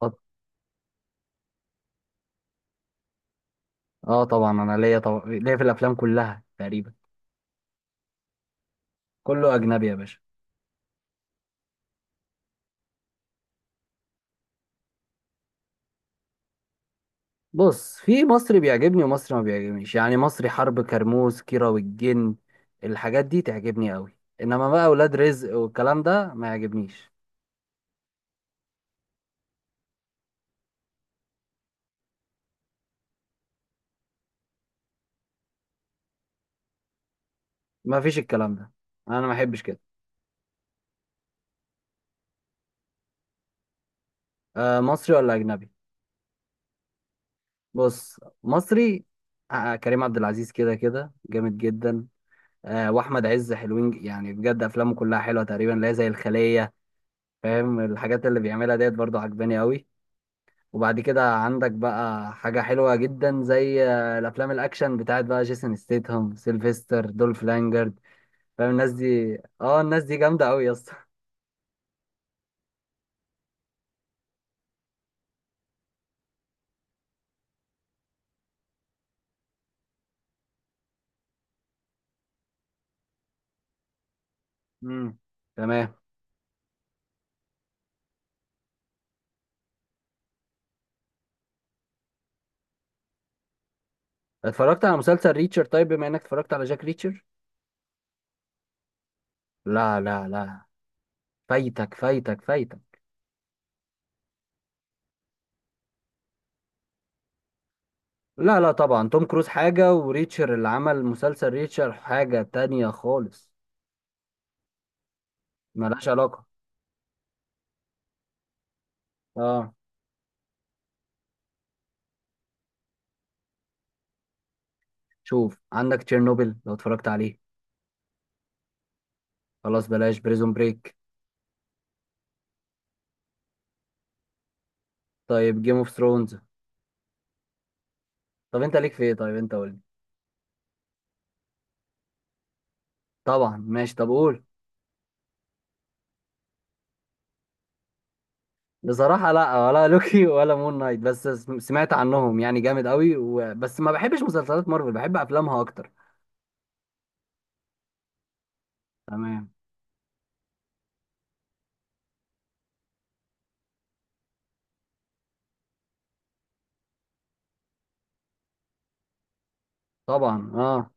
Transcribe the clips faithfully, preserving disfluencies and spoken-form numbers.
طب- اه، طبعا انا ليا، طبعا ليا في الافلام كلها تقريبا. كله اجنبي يا باشا. بص، في مصري بيعجبني ومصري ما بيعجبنيش، يعني مصري حرب، كرموز، كيرة والجن، الحاجات دي تعجبني قوي، انما بقى اولاد رزق والكلام ده ما يعجبنيش. ما فيش الكلام ده، انا ما احبش كده. آه، مصري ولا اجنبي؟ بص، مصري. آه آه، كريم عبد العزيز كده كده جامد جدا. آه واحمد عز حلوين، ج- يعني بجد افلامه كلها حلوه تقريبا، لا زي الخليه، فاهم، الحاجات اللي بيعملها ديت برضو عجباني قوي. وبعد كده عندك بقى حاجة حلوة جدا زي آه، الأفلام الأكشن بتاعت بقى جيسون ستيتهم، سيلفستر، دولف لانجرد. فاهم الناس دي اه الناس دي جامدة أوي يا اسطى. امم تمام. اتفرجت على مسلسل ريتشر؟ طيب، بما إنك اتفرجت على جاك ريتشر. لا لا لا، فايتك فايتك فايتك. لا لا، طبعا توم كروز حاجة وريتشر اللي عمل مسلسل ريتشر حاجة تانية خالص. ملهاش علاقة. اه. شوف عندك تشيرنوبل، لو اتفرجت عليه. خلاص، بلاش. بريزون بريك؟ طيب، جيم اوف ثرونز؟ طب انت ليك في ايه؟ طيب انت قول لي. طبعا ماشي، طب قول. بصراحة لا، ولا لوكي ولا مون نايت، بس سم- سمعت عنهم، يعني جامد قوي، و... بس ما بحبش مسلسلات مارفل، بحب افلامها اكتر. تمام. طبعا، اه.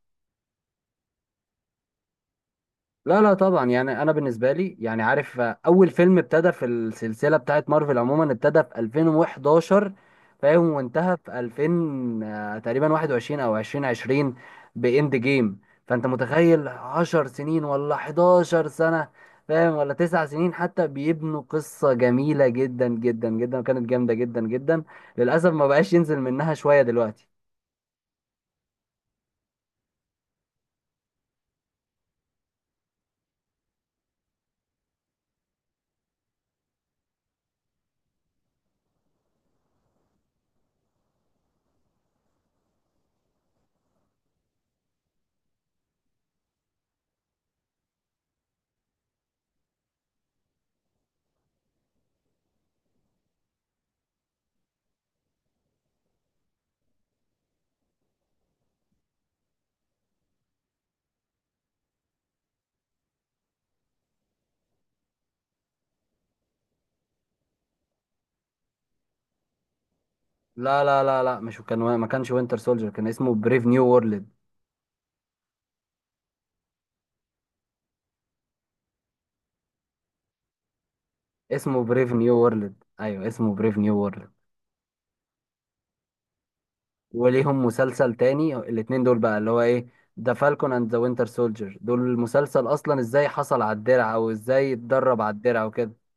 لا لا طبعا، يعني انا بالنسبه لي يعني عارف، آه، اول فيلم ابتدى في السلسله بتاعت مارفل عموما ابتدى في ألفين وحداشر، فاهم، وانتهى في ألفين آه، تقريبا واحد وعشرين او ألفين وعشرين، باند جيم. فانت متخيل 10 سنين ولا 11 سنه، فاهم، ولا 9 سنين حتى، بيبنوا قصه جميله جدا جدا جدا، وكانت جامده جدا جدا. للاسف ما بقاش ينزل منها شويه دلوقتي. لا لا لا لا، مش كان ما كانش وينتر سولجر، كان اسمه بريف نيو، اسمه بريف نيو وورلد. ايوه، اسمه بريف نيو وورلد. وليهم مسلسل تاني الاتنين دول بقى، اللي هو ايه، ذا فالكون اند ذا وينتر سولجر. دول المسلسل اصلا ازاي حصل على الدرع، او ازاي اتدرب على الدرع وكده.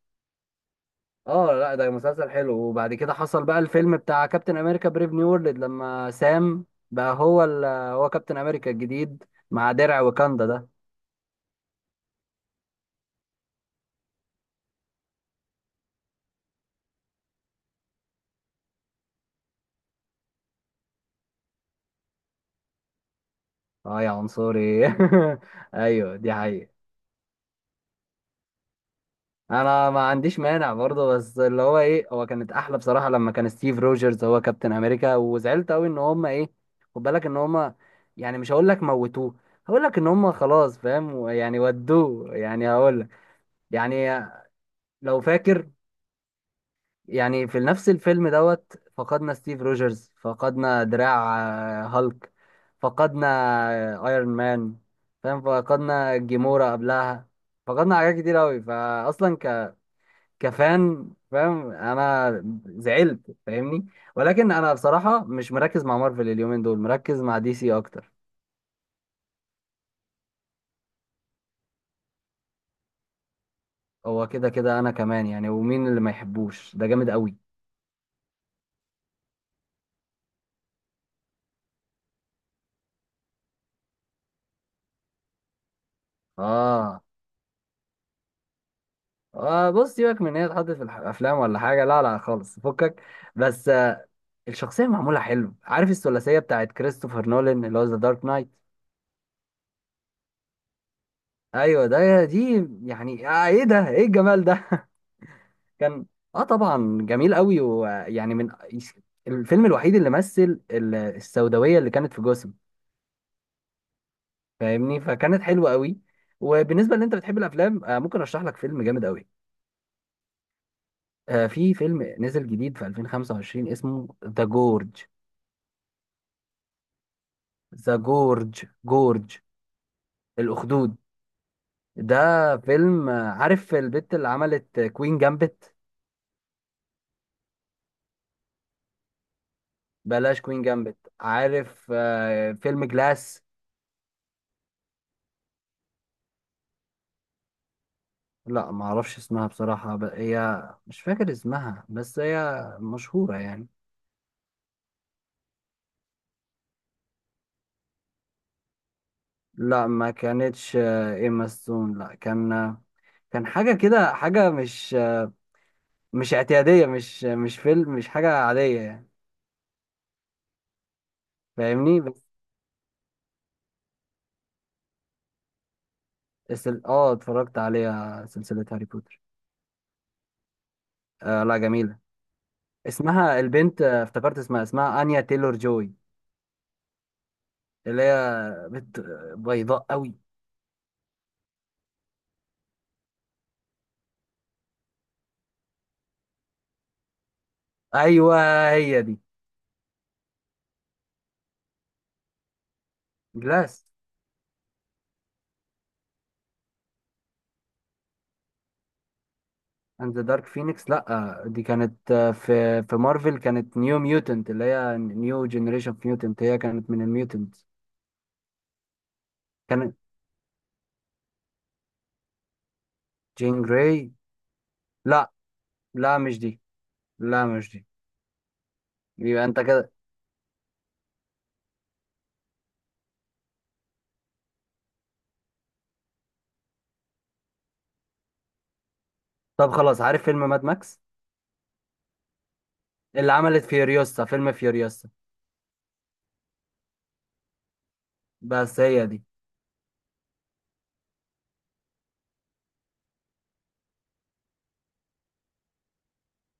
اه، لا ده مسلسل حلو. وبعد كده حصل بقى الفيلم بتاع كابتن امريكا بريف نيو وورلد لما سام بقى هو ال- هو كابتن امريكا الجديد، مع درع وكاندا ده. اه يا عنصري. ايوه، دي حقيقة. انا ما عنديش مانع برضه، بس اللي هو ايه، هو كانت احلى بصراحه لما كان ستيف روجرز هو كابتن امريكا. وزعلت قوي ان هم ايه، خد بالك ان هم، يعني مش هقول لك موتوه، هقول لك ان هم خلاص، فاهم يعني، ودوه، يعني هقول لك يعني، لو فاكر، يعني في نفس الفيلم دوت فقدنا ستيف روجرز، فقدنا دراع، آه، هالك، فقدنا آه، ايرون مان، فاهم، فقدنا جيمورا قبلها، فقدنا حاجات كتير قوي فاصلا. كفان، فاهم، انا زعلت، فاهمني. ولكن انا بصراحة مش مركز مع مارفل اليومين دول، مركز مع دي سي اكتر. هو كده كده انا كمان، يعني ومين اللي ما يحبوش، ده جامد قوي. اه، آه بص، سيبك من ان هي اتحطت في الافلام ولا حاجة، لا لا خالص، فكك. بس، آه، الشخصية معمولة حلو، عارف الثلاثية بتاعت كريستوفر نولان اللي هو ذا دارك نايت. ايوه، ده دي يعني آه ايه ده، ايه الجمال ده، كان، اه طبعا جميل قوي. ويعني من الفيلم الوحيد اللي مثل ال- السوداويه اللي كانت في جسم، فاهمني، فكانت حلوه قوي. وبالنسبه اللي انت بتحب الافلام، آه ممكن ارشح لك فيلم جامد قوي. آه في فيلم نزل جديد في ألفين وخمسة وعشرين، اسمه ذا جورج، ذا جورج، جورج الاخدود. ده فيلم، آه، عارف البت اللي عملت كوين جامبت؟ بلاش كوين جامبت، عارف آه فيلم جلاس؟ لا ما اعرفش اسمها بصراحة، ب- هي مش فاكر اسمها، بس هي مشهورة يعني. لا، ما كانتش آه، ايما ستون، لا، كان آه، كان حاجة كده، حاجة مش آه، مش اعتيادية، مش آه، مش فيلم، مش حاجة عادية يعني. فاهمني، بس. بس ال- اه، اتفرجت عليها سلسلة هاري بوتر. آه لا جميلة. اسمها البنت، آه، افتكرت اسمها اسمها انيا تيلور جوي، اللي هي بنت آه، بيضاء قوي. ايوه، هي دي. جلاس. اند ذا دارك فينيكس، لا دي كانت آه، في في مارفل كانت نيو ميوتنت، اللي هي نيو جنريشن ميوتنت، هي كانت من الميوتنت. كانت جين جراي، لا لا مش دي، لا مش دي. يبقى انت كده. طب خلاص، عارف فيلم ماد ماكس اللي عملت فيوريوسا، فيلم فيوريوسا؟ بس هي دي.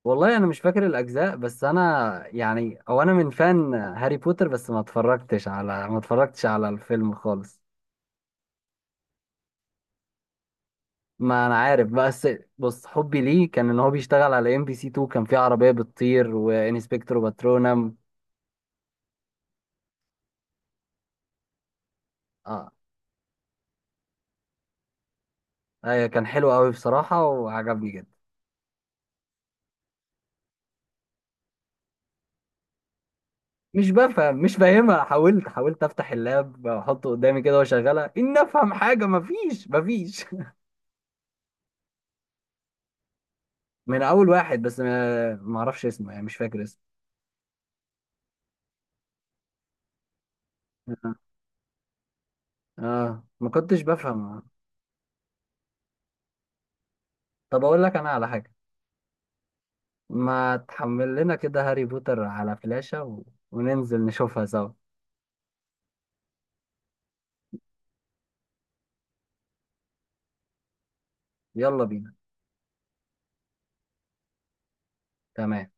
والله انا مش فاكر الاجزاء، بس انا يعني، او انا من فان هاري بوتر، بس ما اتفرجتش على ما اتفرجتش على الفيلم خالص. ما انا عارف، بس بص، حبي ليه كان ان هو بيشتغل على ام بي سي اتنين، كان في عربيه بتطير وانسبكتور باترونم. اه. ايوه، كان حلو قوي بصراحه وعجبني جدا. مش بفهم، مش فاهمها، حاولت حاولت افتح اللاب واحطه قدامي كده واشغلها ان افهم حاجه، مفيش، مفيش. من اول واحد، بس ما ما اعرفش اسمه، يعني مش فاكر اسمه. اه. آه، ما كنتش بفهم. طب اقول لك انا على حاجه، ما تحمل لنا كده هاري بوتر على فلاشة و... وننزل نشوفها سوا. يلا بينا. تمام.